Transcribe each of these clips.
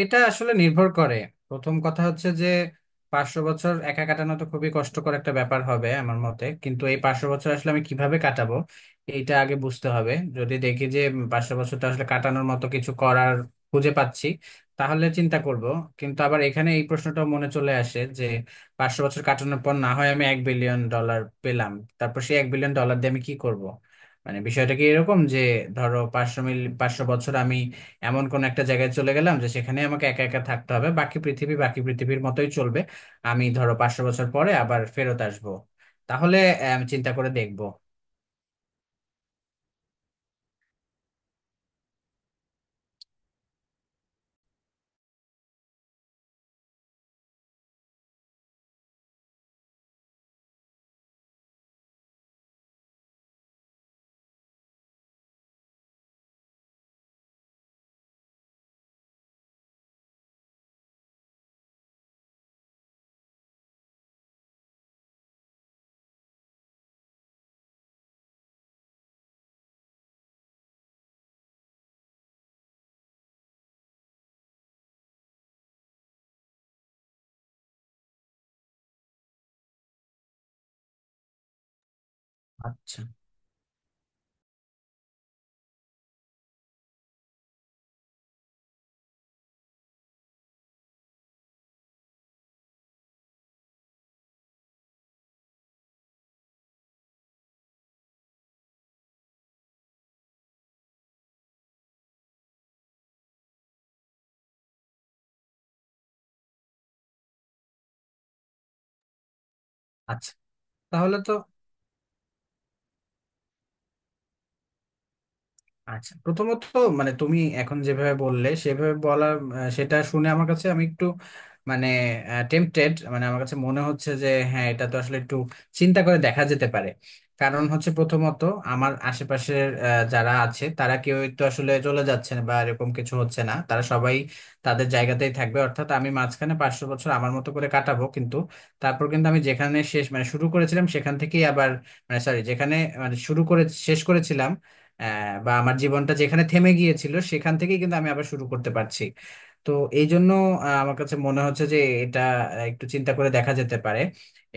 এটা আসলে নির্ভর করে। প্রথম কথা হচ্ছে যে 500 বছর একা কাটানো তো খুবই কষ্টকর একটা ব্যাপার হবে আমার মতে। কিন্তু এই পাঁচশো বছর আসলে আমি কিভাবে কাটাবো এইটা আগে বুঝতে হবে। যদি দেখি যে পাঁচশো বছরটা আসলে কাটানোর মতো কিছু করার খুঁজে পাচ্ছি, তাহলে চিন্তা করব। কিন্তু আবার এখানে এই প্রশ্নটাও মনে চলে আসে যে পাঁচশো বছর কাটানোর পর না হয় আমি 1 বিলিয়ন ডলার পেলাম, তারপর সেই 1 বিলিয়ন ডলার দিয়ে আমি কি করব? মানে বিষয়টা কি এরকম যে ধরো পাঁচশো বছর আমি এমন কোন একটা জায়গায় চলে গেলাম যে সেখানে আমাকে একা একা থাকতে হবে, বাকি পৃথিবীর মতোই চলবে, আমি ধরো পাঁচশো বছর পরে আবার ফেরত আসবো? তাহলে আমি চিন্তা করে দেখবো। আচ্ছা। আচ্ছা, তাহলে তো। আচ্ছা, প্রথমত, মানে তুমি এখন যেভাবে বললে সেভাবে বলা, সেটা শুনে আমার কাছে আমি একটু, মানে, টেম্পটেড। মানে আমার কাছে মনে হচ্ছে যে হ্যাঁ, এটা তো আসলে একটু চিন্তা করে দেখা যেতে পারে। কারণ হচ্ছে প্রথমত, আমার আশেপাশের যারা আছে তারা কেউই তো আসলে চলে যাচ্ছে না বা এরকম কিছু হচ্ছে না, তারা সবাই তাদের জায়গাতেই থাকবে, অর্থাৎ আমি মাঝখানে পাঁচশো বছর আমার মতো করে কাটাবো, কিন্তু তারপর কিন্তু আমি যেখানে শেষ মানে শুরু করেছিলাম সেখান থেকেই আবার, মানে সরি, যেখানে মানে শুরু করে শেষ করেছিলাম, বা আমার জীবনটা যেখানে থেমে গিয়েছিল সেখান থেকেই কিন্তু আমি আবার শুরু করতে পারছি। তো এই জন্য আমার কাছে মনে হচ্ছে যে এটা একটু চিন্তা করে দেখা যেতে পারে।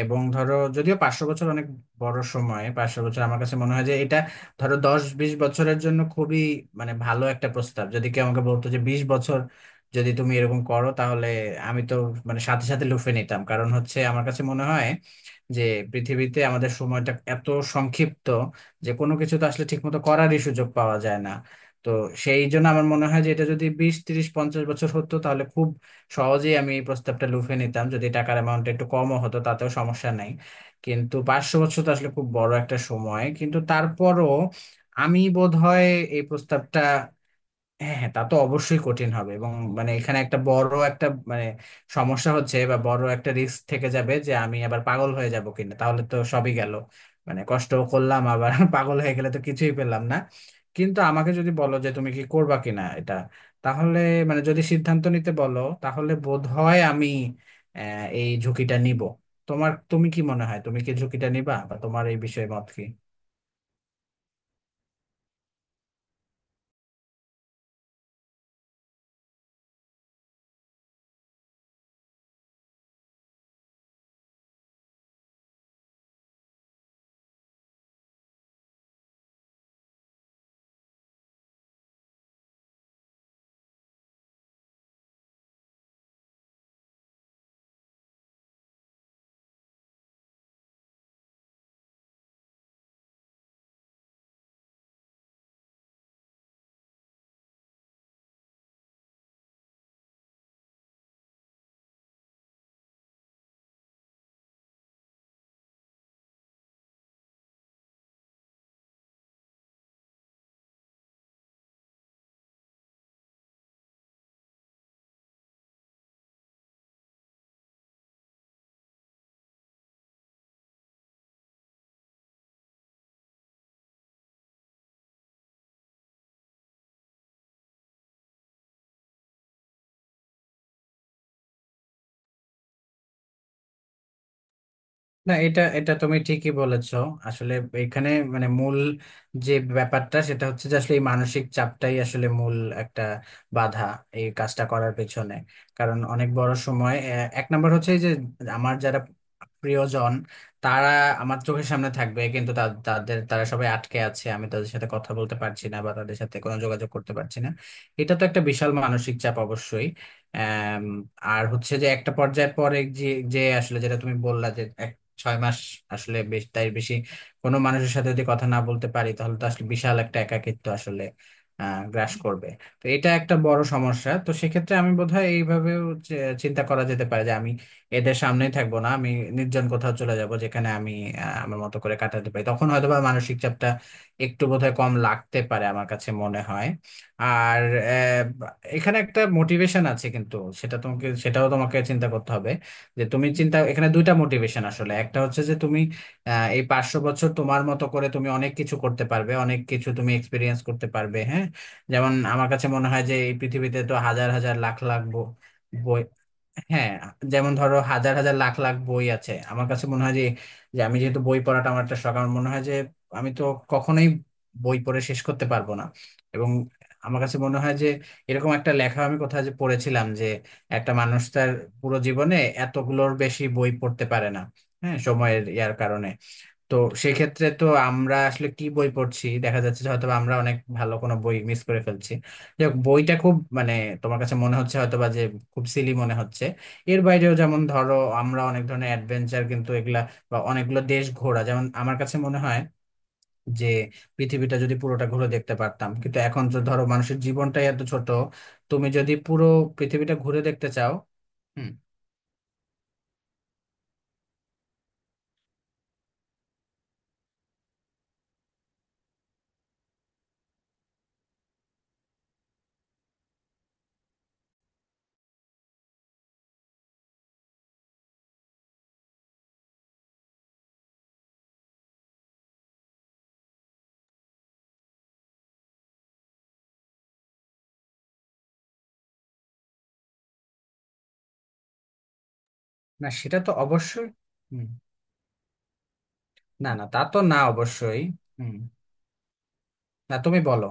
এবং ধরো যদিও পাঁচশো বছর অনেক বড় সময়, পাঁচশো বছর আমার কাছে মনে হয় যে এটা, ধরো 10-20 বছরের জন্য খুবই মানে ভালো একটা প্রস্তাব, যদি কেউ আমাকে বলতো যে 20 বছর যদি তুমি এরকম করো, তাহলে আমি তো মানে সাথে সাথে লুফে নিতাম। কারণ হচ্ছে আমার কাছে মনে হয় যে পৃথিবীতে আমাদের সময়টা এত সংক্ষিপ্ত যে কোনো কিছু তো আসলে ঠিকমতো করারই সুযোগ পাওয়া যায় না। তো সেই জন্য আমার মনে হয় যে এটা যদি 20-30-50 বছর হতো তাহলে খুব সহজেই আমি এই প্রস্তাবটা লুফে নিতাম, যদি টাকার অ্যামাউন্টটা একটু কমও হতো তাতেও সমস্যা নাই। কিন্তু পাঁচশো বছর তো আসলে খুব বড় একটা সময়, কিন্তু তারপরও আমি বোধহয় এই প্রস্তাবটা। হ্যাঁ হ্যাঁ, তা তো অবশ্যই কঠিন হবে। এবং মানে এখানে একটা বড় একটা, মানে, সমস্যা হচ্ছে বা বড় একটা রিস্ক থেকে যাবে যে আমি আবার পাগল হয়ে যাব কিনা, তাহলে তো সবই গেল। মানে কষ্ট করলাম আবার পাগল হয়ে গেলে তো কিছুই পেলাম না। কিন্তু আমাকে যদি বলো যে তুমি কি করবা কিনা এটা, তাহলে মানে যদি সিদ্ধান্ত নিতে বলো তাহলে বোধ হয় আমি আহ এই ঝুঁকিটা নিব। তোমার তুমি কি মনে হয়, তুমি কি ঝুঁকিটা নিবা বা তোমার এই বিষয়ে মত কি? না, এটা এটা তুমি ঠিকই বলেছো। আসলে এখানে মানে মূল যে ব্যাপারটা সেটা হচ্ছে যে আসলে এই মানসিক চাপটাই আসলে মূল একটা বাধা এই কাজটা করার পেছনে। কারণ অনেক বড় সময় এক নম্বর হচ্ছে এই যে, আমার যারা প্রিয়জন তারা আমার চোখের সামনে থাকবে, কিন্তু তাদের তারা সবাই আটকে আছে, আমি তাদের সাথে কথা বলতে পারছি না বা তাদের সাথে কোনো যোগাযোগ করতে পারছি না। এটা তো একটা বিশাল মানসিক চাপ অবশ্যই। আম, আর হচ্ছে যে একটা পর্যায়ের পরে যে, আসলে যেটা তুমি বললা যে 6 মাস আসলে বেশ তাই বেশি, কোনো মানুষের সাথে যদি কথা না বলতে পারি তাহলে তো আসলে বিশাল একটা একাকিত্ব আসলে গ্রাস করবে। তো এটা একটা বড় সমস্যা। তো সেক্ষেত্রে আমি বোধহয় এইভাবেও চিন্তা করা যেতে পারে যে আমি এদের সামনেই থাকবো না, আমি নির্জন কোথাও চলে যাব যেখানে আমি আমার মতো করে কাটাতে পারি, তখন হয়তোবা মানসিক চাপটা একটু বোধহয় কম লাগতে পারে আমার কাছে মনে হয়। আর আহ, এখানে একটা মোটিভেশন আছে কিন্তু সেটা তোমাকে, সেটাও তোমাকে চিন্তা করতে হবে যে তুমি চিন্তা, এখানে দুইটা মোটিভেশন আসলে। একটা হচ্ছে যে তুমি এই পাঁচশো বছর তোমার মতো করে তুমি অনেক কিছু করতে পারবে, অনেক কিছু তুমি এক্সপিরিয়েন্স করতে পারবে। হ্যাঁ, যেমন আমার কাছে মনে হয় যে এই পৃথিবীতে তো হাজার হাজার লাখ লাখ বই। হ্যাঁ, যেমন ধরো হাজার হাজার লাখ লাখ বই আছে, আমার কাছে মনে হয় যে, যে আমি যেহেতু বই পড়াটা আমার একটা শখ, আমার মনে হয় যে আমি তো কখনোই বই পড়ে শেষ করতে পারবো না। এবং আমার কাছে মনে হয় যে, এরকম একটা লেখা আমি কোথায় যে পড়েছিলাম যে একটা মানুষ তার পুরো জীবনে এতগুলোর বেশি বই পড়তে পারে না, হ্যাঁ, সময়ের ইয়ার কারণে। তো সেক্ষেত্রে তো আমরা আসলে কি বই পড়ছি, দেখা যাচ্ছে যে হয়তো বা আমরা অনেক ভালো কোনো বই মিস করে ফেলছি, যাক বইটা খুব মানে তোমার কাছে মনে হচ্ছে হয়তো বা যে খুব সিলি মনে হচ্ছে। এর বাইরেও যেমন ধরো, আমরা অনেক ধরনের অ্যাডভেঞ্চার কিন্তু এগুলা, বা অনেকগুলো দেশ ঘোরা, যেমন আমার কাছে মনে হয় যে পৃথিবীটা যদি পুরোটা ঘুরে দেখতে পারতাম, কিন্তু এখন তো ধরো মানুষের জীবনটাই এত ছোট। তুমি যদি পুরো পৃথিবীটা ঘুরে দেখতে চাও। হুম। না, সেটা তো অবশ্যই। হুম। না না, তা তো না, অবশ্যই। হুম। না, তুমি বলো।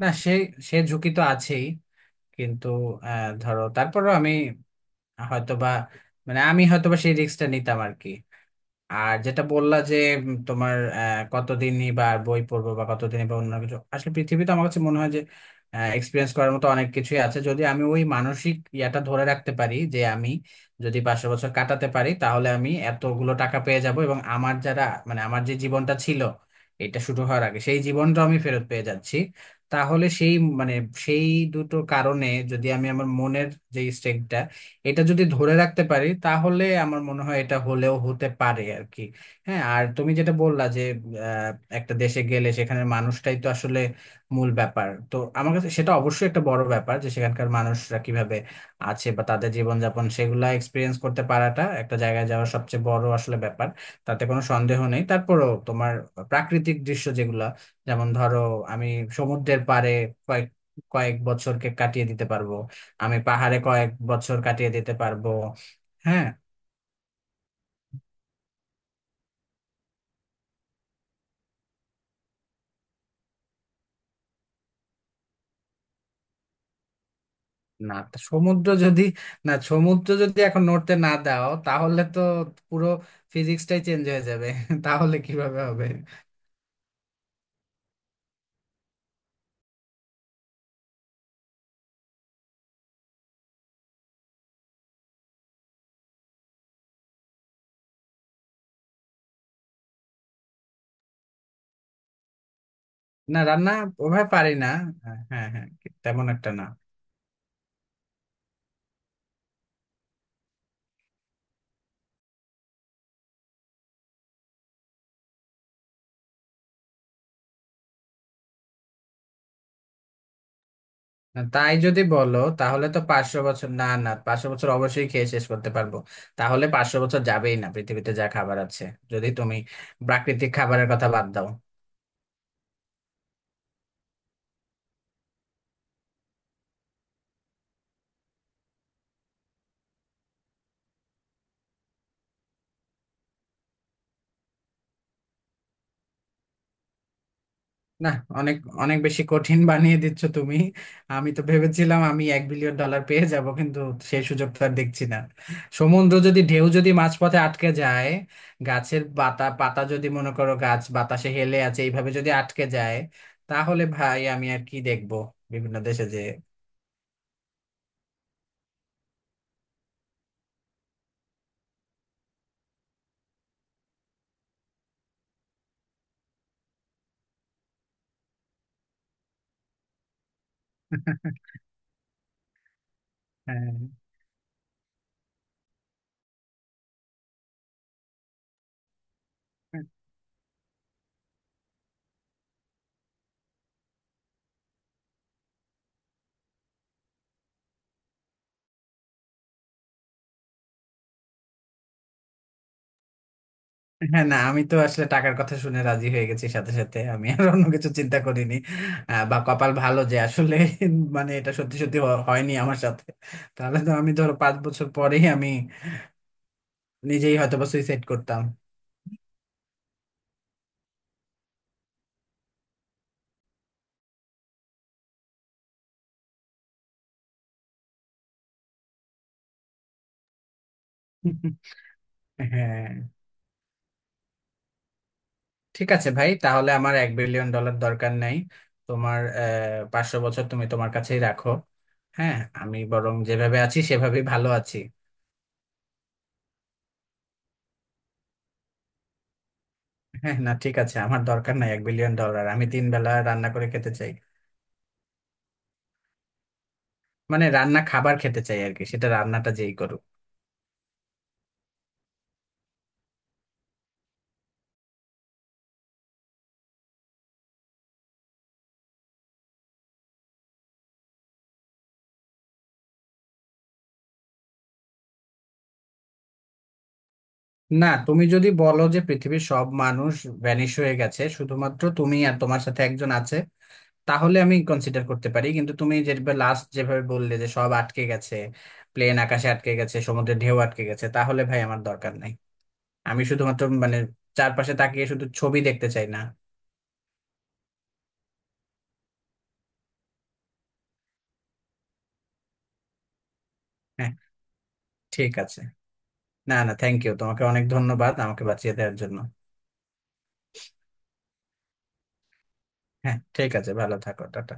না, সে সে ঝুঁকি তো আছেই, কিন্তু ধরো তারপরেও আমি হয়তোবা, মানে আমি হয়তোবা সেই রিস্কটা নিতাম আর কি। আর যেটা বললা যে তোমার কতদিনই বা আর বই পড়বো বা কতদিনই বা অন্য কিছু, আসলে পৃথিবীতে আমার কাছে মনে হয় যে এক্সপিরিয়েন্স করার মতো অনেক কিছুই আছে। যদি আমি ওই মানসিক ইয়াটা ধরে রাখতে পারি যে আমি, যদি পাঁচশো বছর কাটাতে পারি তাহলে আমি এতগুলো টাকা পেয়ে যাব এবং আমার যারা, মানে আমার যে জীবনটা ছিল এটা শুরু হওয়ার আগে সেই জীবনটা আমি ফেরত পেয়ে যাচ্ছি, তাহলে সেই, মানে সেই দুটো কারণে যদি আমি আমার মনের যে স্টেটটা, এটা যদি ধরে রাখতে পারি তাহলে আমার মনে হয় এটা হলেও হতে পারে আর কি। হ্যাঁ, আর তুমি যেটা বললা যে আহ, একটা দেশে গেলে সেখানের মানুষটাই তো আসলে মূল ব্যাপার, তো আমার কাছে সেটা অবশ্যই একটা বড় ব্যাপার যে সেখানকার মানুষরা কিভাবে আছে বা তাদের জীবনযাপন, সেগুলা এক্সপিরিয়েন্স করতে পারাটা একটা জায়গায় যাওয়ার সবচেয়ে বড় আসলে ব্যাপার, তাতে কোনো সন্দেহ নেই। তারপরেও তোমার প্রাকৃতিক দৃশ্য যেগুলা, যেমন ধরো আমি সমুদ্রের পাড়ে কয়েক কয়েক বছরকে কাটিয়ে দিতে পারবো, আমি পাহাড়ে কয়েক বছর কাটিয়ে দিতে পারবো। হ্যাঁ। না, তা সমুদ্র যদি, না সমুদ্র যদি এখন নড়তে না দাও তাহলে তো পুরো ফিজিক্সটাই চেঞ্জ হয়ে যাবে তাহলে কিভাবে হবে? না, রান্না ওভাবে পারি না। হ্যাঁ হ্যাঁ হ্যাঁ, তেমন একটা না। তাই যদি বলো তাহলে তো পাঁচশো বছর, না না পাঁচশো বছর অবশ্যই খেয়ে শেষ করতে পারবো। তাহলে পাঁচশো বছর যাবেই না পৃথিবীতে যা খাবার আছে, যদি তুমি প্রাকৃতিক খাবারের কথা বাদ দাও। না, অনেক, অনেক বেশি কঠিন বানিয়ে দিচ্ছ তুমি। আমি তো ভেবেছিলাম আমি এক বিলিয়ন ডলার পেয়ে যাব, কিন্তু সেই সুযোগ তো আর দেখছি না। সমুদ্র যদি, ঢেউ যদি মাঝপথে আটকে যায়, গাছের পাতা পাতা যদি, মনে করো গাছ বাতাসে হেলে আছে এইভাবে যদি আটকে যায়, তাহলে ভাই আমি আর কি দেখবো? বিভিন্ন দেশে যে হ্যাঁ। হ্যাঁ না, আমি তো আসলে টাকার কথা শুনে রাজি হয়ে গেছি সাথে সাথে, আমি আর অন্য কিছু চিন্তা করিনি, বা কপাল ভালো যে আসলে মানে এটা সত্যি সত্যি হয়নি আমার সাথে, তাহলে তো আমি ধরো 5 বছর পরেই আমি নিজেই হয়তোবা সুইসাইড করতাম। হ্যাঁ। ঠিক আছে ভাই, তাহলে আমার এক বিলিয়ন ডলার দরকার নাই। তোমার পাঁচশো বছর তুমি তোমার কাছেই রাখো। হ্যাঁ। আমি বরং যেভাবে আছি সেভাবেই ভালো আছি। হ্যাঁ না ঠিক আছে, আমার দরকার নাই 1 বিলিয়ন ডলার, আমি তিন বেলা রান্না করে খেতে চাই। মানে রান্না খাবার খেতে চাই আর কি, সেটা রান্নাটা যেই করুক। না, তুমি যদি বলো যে পৃথিবীর সব মানুষ ভ্যানিশ হয়ে গেছে শুধুমাত্র তুমি আর তোমার সাথে একজন আছে, তাহলে আমি কনসিডার করতে পারি, কিন্তু তুমি যেভাবে লাস্ট যেভাবে বললে যে সব আটকে গেছে, প্লেন আকাশে আটকে গেছে, সমুদ্রের ঢেউ আটকে গেছে, তাহলে ভাই আমার দরকার নাই। আমি শুধুমাত্র মানে চারপাশে তাকিয়ে শুধু ছবি দেখতে চাই না। হ্যাঁ। ঠিক আছে। না না, থ্যাংক ইউ, তোমাকে অনেক ধন্যবাদ আমাকে বাঁচিয়ে দেওয়ার জন্য। হ্যাঁ ঠিক আছে, ভালো থাকো, টাটা।